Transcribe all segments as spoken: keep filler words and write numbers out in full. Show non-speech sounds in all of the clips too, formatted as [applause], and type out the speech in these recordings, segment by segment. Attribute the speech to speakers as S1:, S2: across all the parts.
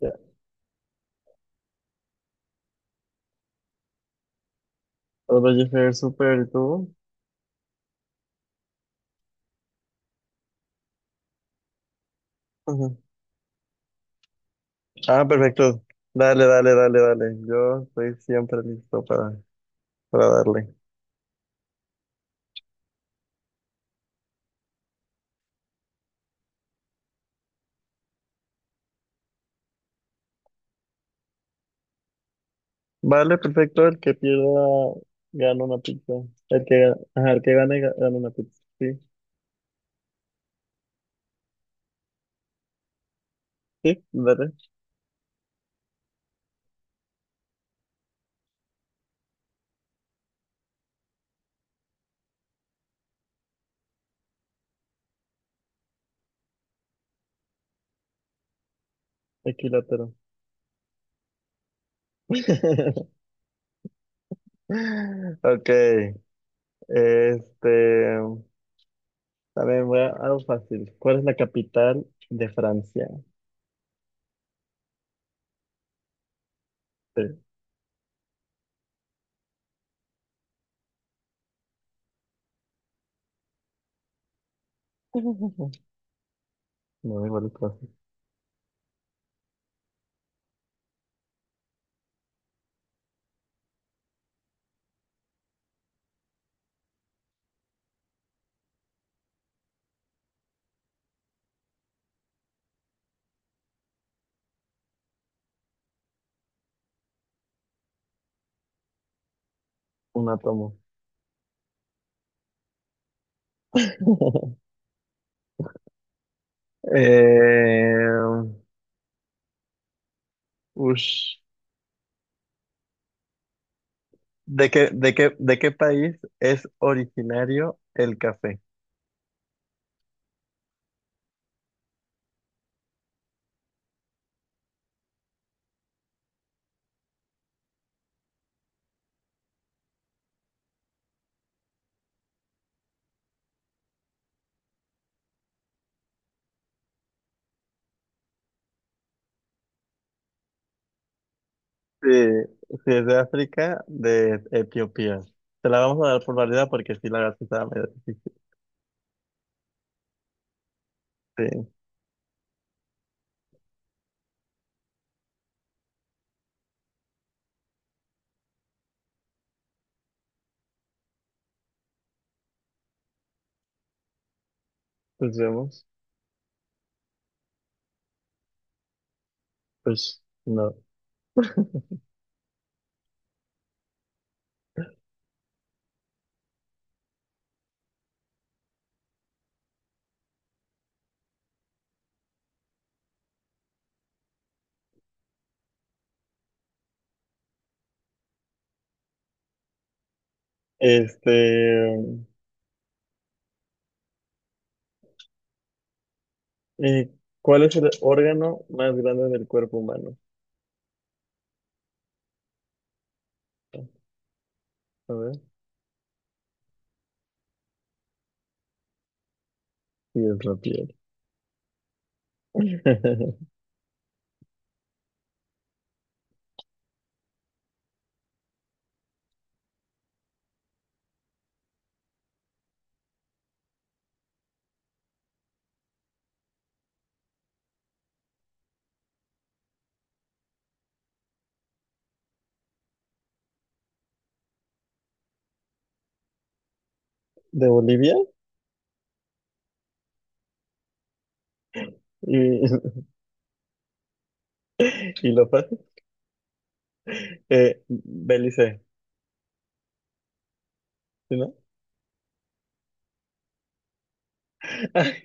S1: Ya, Otro Jeffer Super, ¿y tú? Ujú. Ah, perfecto. Dale, dale, dale, dale. Yo estoy siempre listo para, para darle. Vale, perfecto. El que pierda gana una pizza. El que, ga- ajá, el que gane ga- gana una pizza. Sí, sí, dale. Equilátero. [laughs] Ok. Este. También voy a algo fácil. ¿Cuál es la capital de Francia? Sí. [laughs] No, igual es fácil. Un átomo. [laughs] Eh, ush. ¿De qué, de qué, de qué país es originario el café? Sí, sí, es de África, de Etiopía. Te la vamos a dar por válida porque sí, la verdad sí estaba medio difícil. Sí, pues vemos. Pues no. Este, mm, eh, ¿cuál es el órgano más grande del cuerpo humano? A ver, sí, es la piel. [laughs] ¿De Bolivia? Y, [laughs] y lo fácil. Eh, Belice, ¿sí, no? Ay,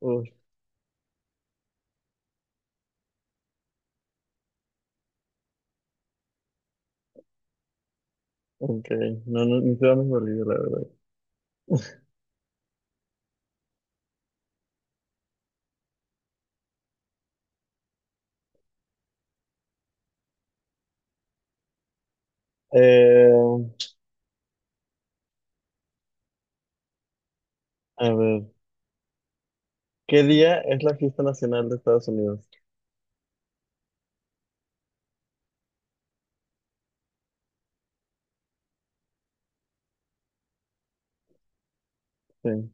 S1: uf, ok, no, no, ni siquiera me olvido, la verdad. Eh, a ver, ¿qué día es la fiesta nacional de Estados Unidos? Sí,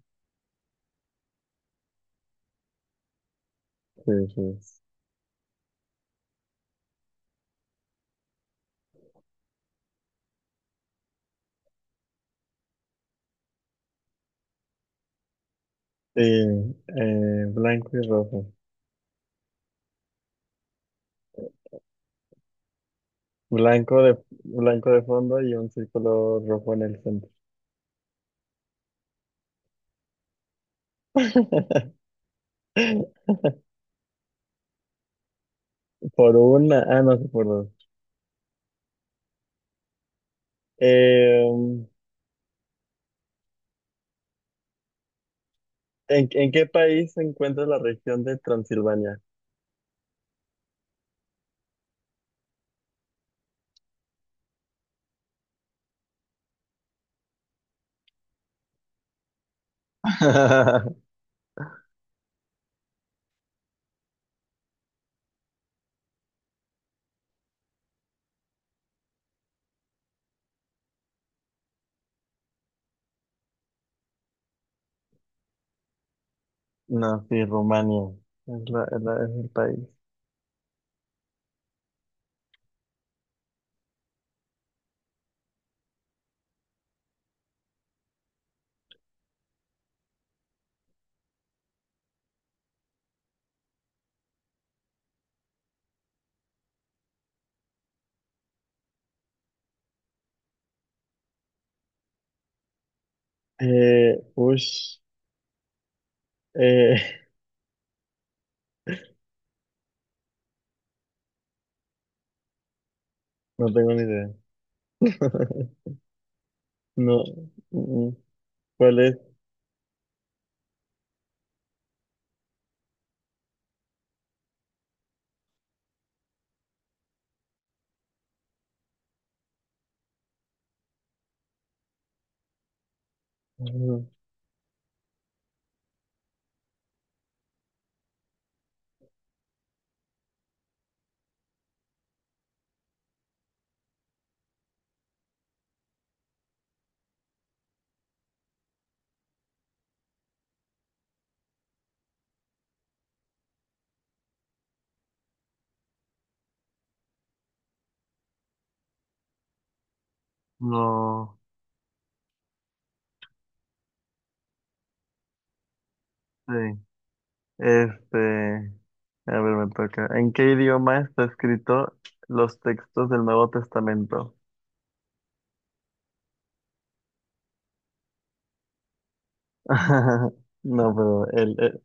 S1: sí, sí. Sí, eh, blanco y rojo. Blanco de, blanco de fondo y un círculo rojo en el centro. [laughs] Por una, ah, no sé por dos. Eh, ¿en, en qué país se encuentra la región de Transilvania? [laughs] No, sí, Rumania. Es, la- es la- es el país. Eh, ush, eh, [laughs] no tengo ni idea. [laughs] No, mm, ¿cuál es? Mm, no, sí. Este, a ver, me toca. ¿En qué idioma está escrito los textos del Nuevo Testamento? [laughs] No, pero el, el,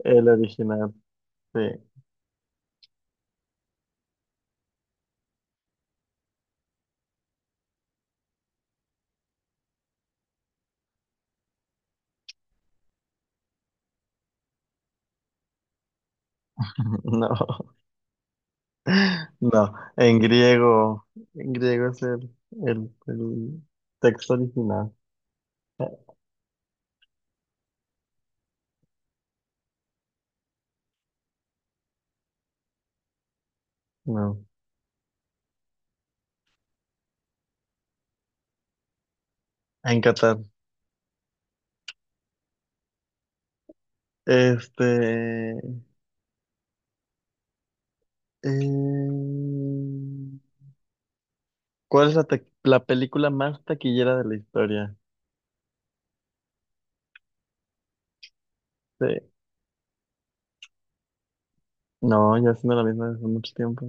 S1: el original, sí. [laughs] No, no. En griego, en griego es el, el, el texto original. No, en Qatar. Este, Eh, ¿cuál es la, ta- la película más taquillera de la historia? Sí. No, ya siendo la misma desde hace mucho tiempo.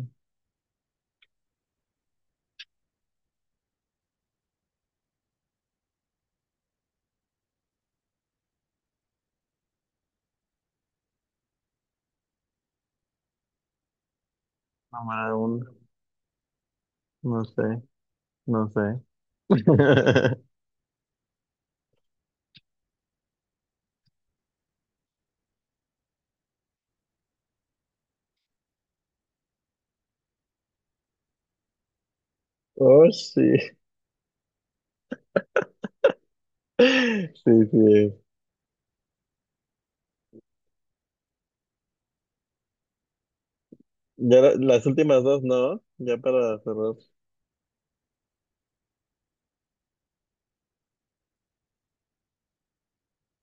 S1: Número uno. No sé, no sé. [laughs] Oh, sí. Sí, sí. Ya la- las últimas dos, ¿no? Ya para cerrar.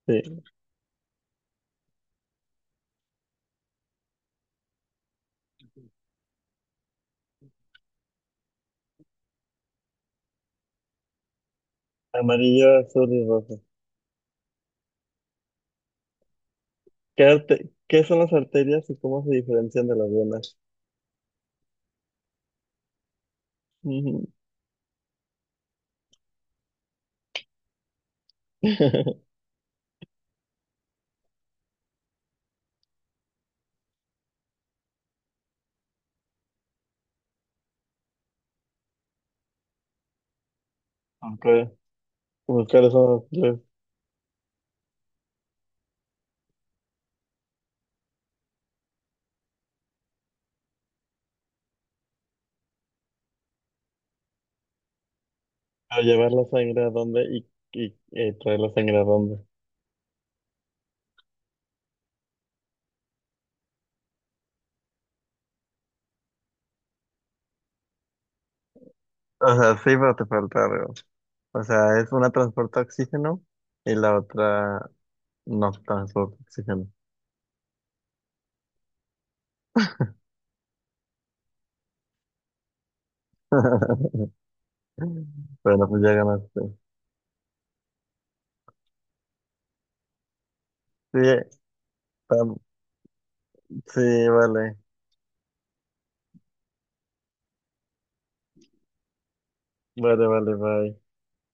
S1: Sí. Amarillo, azul y rojo. ¿Qué, arte- qué son las arterias y cómo se diferencian de las venas? Ujú. [laughs] Ok. Pues, ¿cuáles son las? O llevar la sangre a dónde y, y, eh, traer la sangre a dónde. O sea, sí, pero te falta algo. O sea, es una transporta oxígeno y la otra no transporta oxígeno. [laughs] Bueno, pues ya ganaste. Sí, tam- sí, vale. Vale, vale, bye.